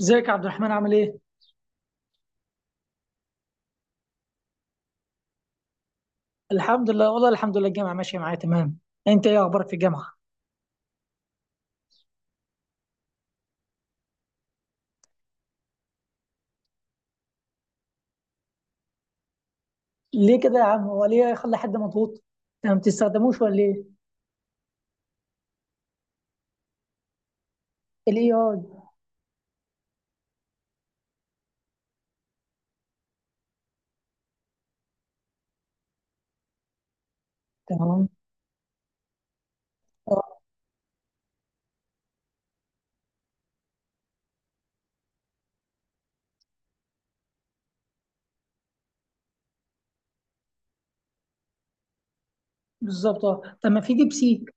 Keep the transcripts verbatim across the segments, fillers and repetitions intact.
ازيك يا عبد الرحمن، عامل ايه؟ الحمد لله والله الحمد لله، الجامعة ماشية معايا تمام. انت ايه اخبارك في الجامعة؟ ليه كده يا عم، هو ليه يخلي حد مضغوط؟ انت ما بتستخدموش ولا ايه؟ الاي اي. تمام. اه. بالظبط، اه، طب ما في ديب سيك.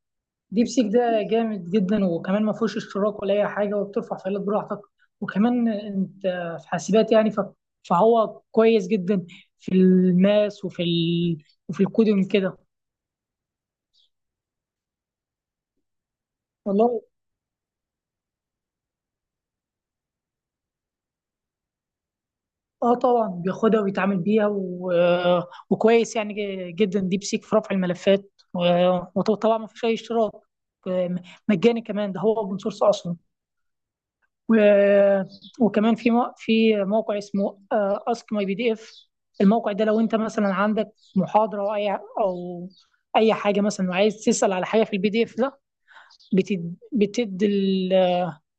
ديب سيك ده جامد جدا، وكمان ما فيهوش اشتراك ولا اي حاجة، وبترفع فايلات براحتك. وكمان انت في حاسبات، يعني، ف... فهو كويس جدا في الماس وفي ال... وفي الكودينج كده. والله. اه طبعا بياخدها ويتعامل بيها و... آه، وكويس يعني ج- جدا، ديب سيك في رفع الملفات، و- وطبعا ما فيش اي اشتراك. م- مجاني كمان، ده هو اوبن سورس اصلا. و... وكمان في مو... في موقع اسمه اسك ماي بي دي اف. الموقع ده، لو انت مثلا عندك محاضره او اي، او اي حاجه مثلا، وعايز تسال على حاجه في البي دي اف ده، بتد... بتدي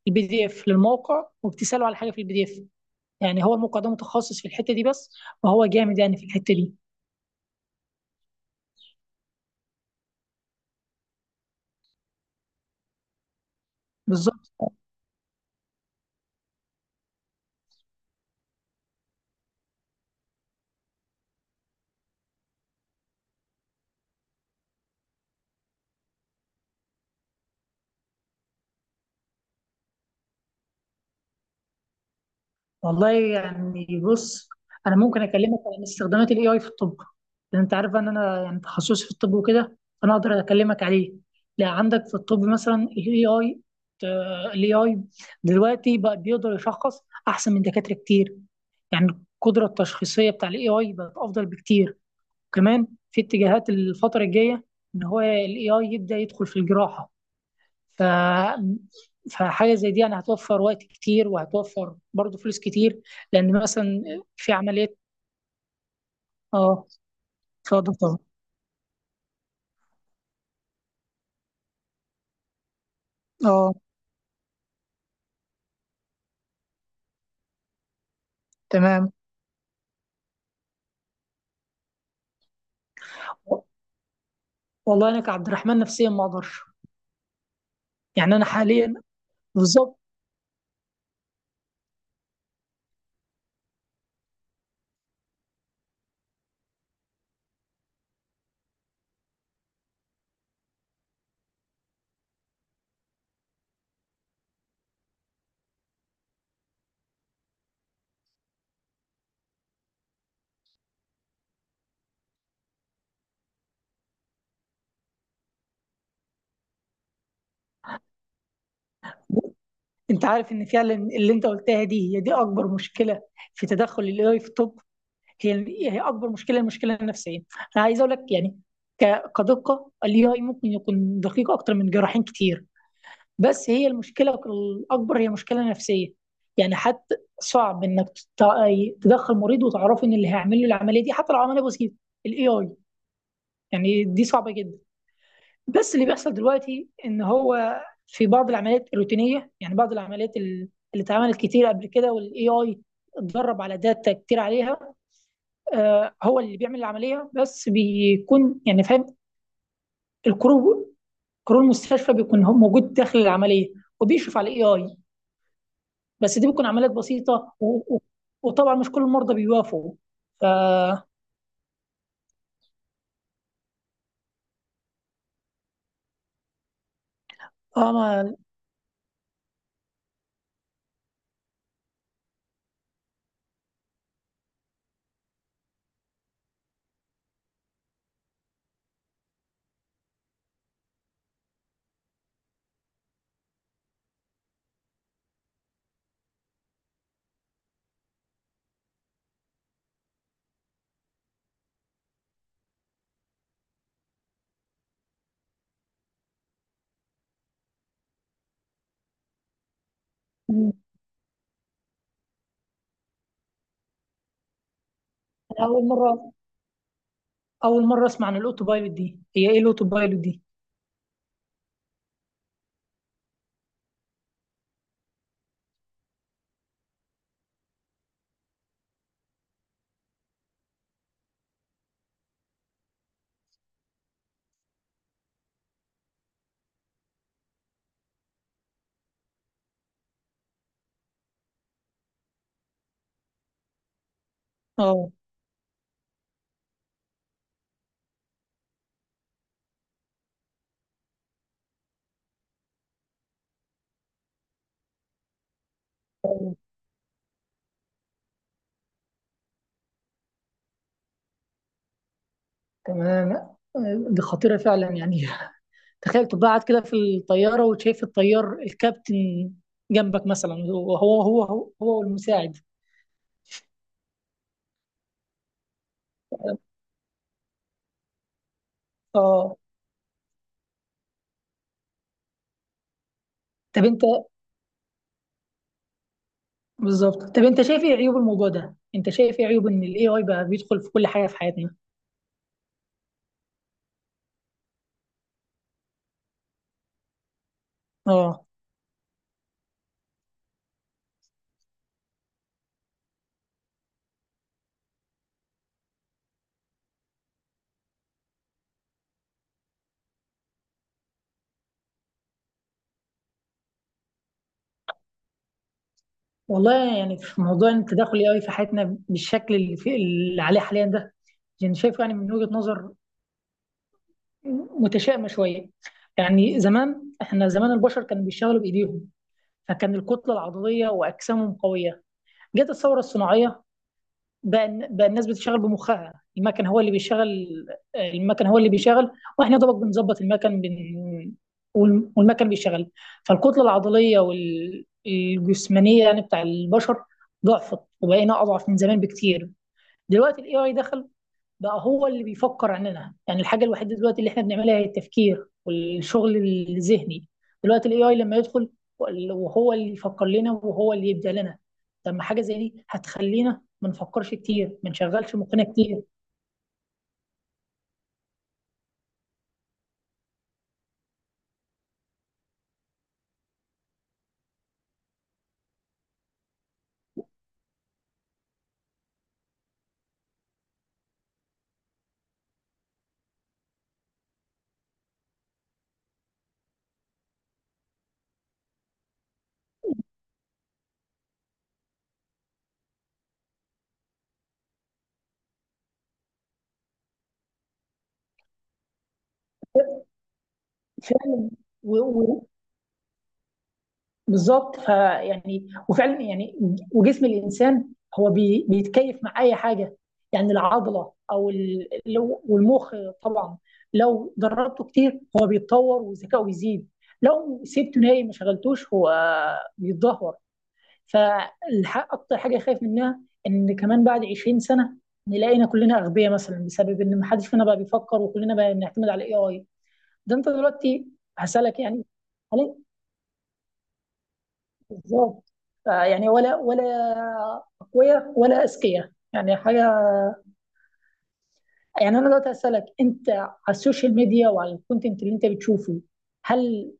البي دي اف للموقع، وبتساله على حاجه في البي دي اف. يعني هو الموقع ده متخصص في الحتة دي بس، وهو جامد يعني في الحتة دي. بالظبط. والله يعني بص، انا ممكن اكلمك عن استخدامات الاي اي في الطب. لان انت عارف ان انا يعني تخصصي في الطب وكده، فانا اقدر اكلمك عليه. لا، عندك في الطب مثلا الاي اي، الاي اي دلوقتي بقى بيقدر يشخص احسن من دكاترة كتير. يعني القدرة التشخيصية بتاع الاي اي بقت افضل بكتير. كمان في اتجاهات الفترة الجاية ان هو الاي اي يبدأ يدخل في الجراحة. ف... فحاجه زي دي يعني هتوفر وقت كتير، وهتوفر برضه فلوس كتير. لان مثلا في عمليات. اه، اتفضل طبعا. اه. تمام. والله انا كعبد الرحمن نفسيا ما اقدرش. يعني انا حاليا. بالظبط. انت عارف ان فعلا اللي انت قلتها دي هي دي اكبر مشكله في تدخل الاي في الطب. هي هي اكبر مشكله، المشكله النفسيه. انا عايز اقول لك يعني، ك- كدقه الاي اي ممكن يكون دقيق اكتر من جراحين كتير، بس هي المشكلة الأكبر، هي مشكلة نفسية. يعني حتى صعب إنك تت- تدخل مريض وتعرف إن اللي هيعمل له العملية دي، حتى لو عملية بسيطة، ال إيه آي، يعني دي صعبة جدا. بس اللي بيحصل دلوقتي إن هو في بعض العمليات الروتينية، يعني بعض العمليات ال- اللي اتعملت كتير قبل كده، وال A I اتدرب على داتا كتير عليها، آه، هو اللي بيعمل العملية، بس بيكون يعني فاهم. الكرو كرو المستشفى بيكون هو موجود داخل العملية، وبيشرف على الاي اي. بس دي بتكون عمليات بسيطه، و... و... وطبعا مش كل المرضى بيوافقوا. ف اه، ما أنا اول مره، اول مره اسمع عن الاوتو بايلوت دي. هي ايه الاوتو بايلوت دي؟ اه تمام. آه، دي خطيره فعلا يعني. تخيل تبقى قاعد كده في الطياره، وشايف الطيار، الكابتن جنبك مثلا، وهو هو هو هو والمساعد. اه، طب انت، بالظبط، طب انت شايف ايه عيوب الموضوع ده؟ انت شايف ايه عيوب ان الاي اي بقى بيدخل في كل حاجه في حياتنا؟ اه. والله يعني، في موضوع إن التداخل الاي في حياتنا بالشكل اللي، في اللي عليه حاليا ده، يعني شايف، يعني من وجهة نظر متشائمة شوية. يعني زمان، احنا زمان البشر كانوا بيشتغلوا بايديهم، فكان الكتلة العضلية واجسامهم قوية. جت الثورة الصناعية، بقى بقى الناس بتشتغل بمخها، المكن هو اللي بيشغل، المكن هو اللي بيشغل، واحنا يا دوبك بنظبط المكن، بن... وال- والمكن بيشتغل. فالكتله العضليه والجسمانيه يعني بتاع البشر ضعفت، وبقينا اضعف من زمان بكتير. دلوقتي الاي اي دخل، بقى هو اللي بيفكر عننا. يعني الحاجه الوحيده دلوقتي اللي احنا بنعملها هي التفكير والشغل الذهني. دلوقتي الاي اي لما يدخل، وهو اللي يفكر لنا وهو اللي يبدع لنا، طب ما حاجه زي دي هتخلينا ما نفكرش كتير، ما نشغلش مخنا كتير. فعلا. و- بالظبط، فيعني وفعلا يعني، وجسم الانسان هو بي بيتكيف مع اي حاجه. يعني العضله، او ال- لو- والمخ طبعا، لو دربته كتير هو بيتطور وذكائه بيزيد، لو سبته نايم ما شغلتوش هو بيتدهور. فاكتر حاجه خايف منها ان كمان بعد عشرين سنه نلاقينا كلنا اغبياء مثلا، بسبب ان ما حدش فينا بقى بيفكر، وكلنا بقى بنعتمد على الاي اي. ده انت دلوقتي. هسالك يعني، هل، بالظبط، فيعني، ولا ولا اقوياء ولا اذكياء، يعني حاجه. يعني انا دلوقتي هسالك، انت على السوشيال ميديا وعلى الكونتنت اللي انت بتشوفه، هل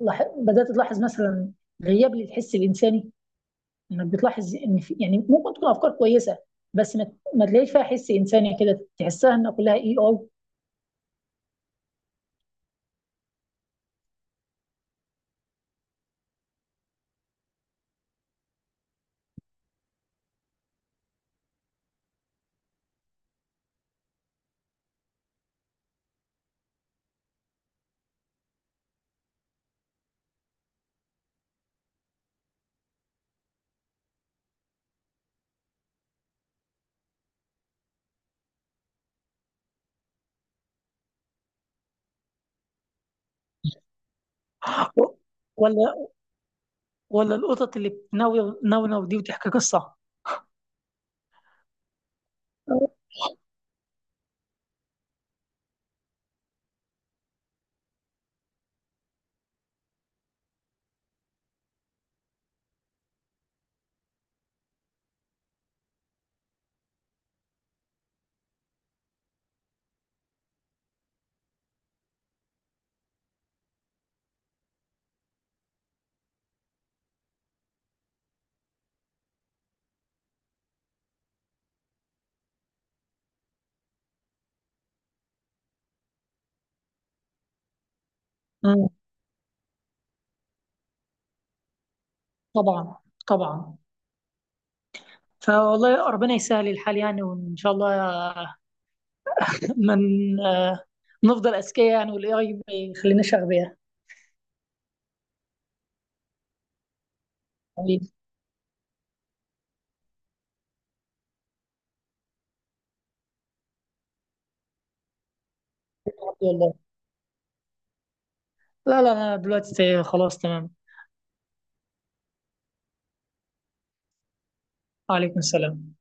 لاح... بدات تلاحظ مثلا غياب للحس الانساني؟ انك بتلاحظ ان في، يعني ممكن تكون افكار كويسه، بس ما, ما تلاقيش فيها حس انساني كده، تحسها انها كلها اي اي. ولا، ولا القطط اللي بتنونو دي وتحكي قصه. مم. طبعا طبعا. فوالله ربنا يسهل الحال، يعني وان شاء الله، من، آه، نفضل اذكياء يعني، والاي اي ما يخليناش اغبياء. حبيبي. والله لا لا، انا دلوقتي خلاص تمام. وعليكم السلام.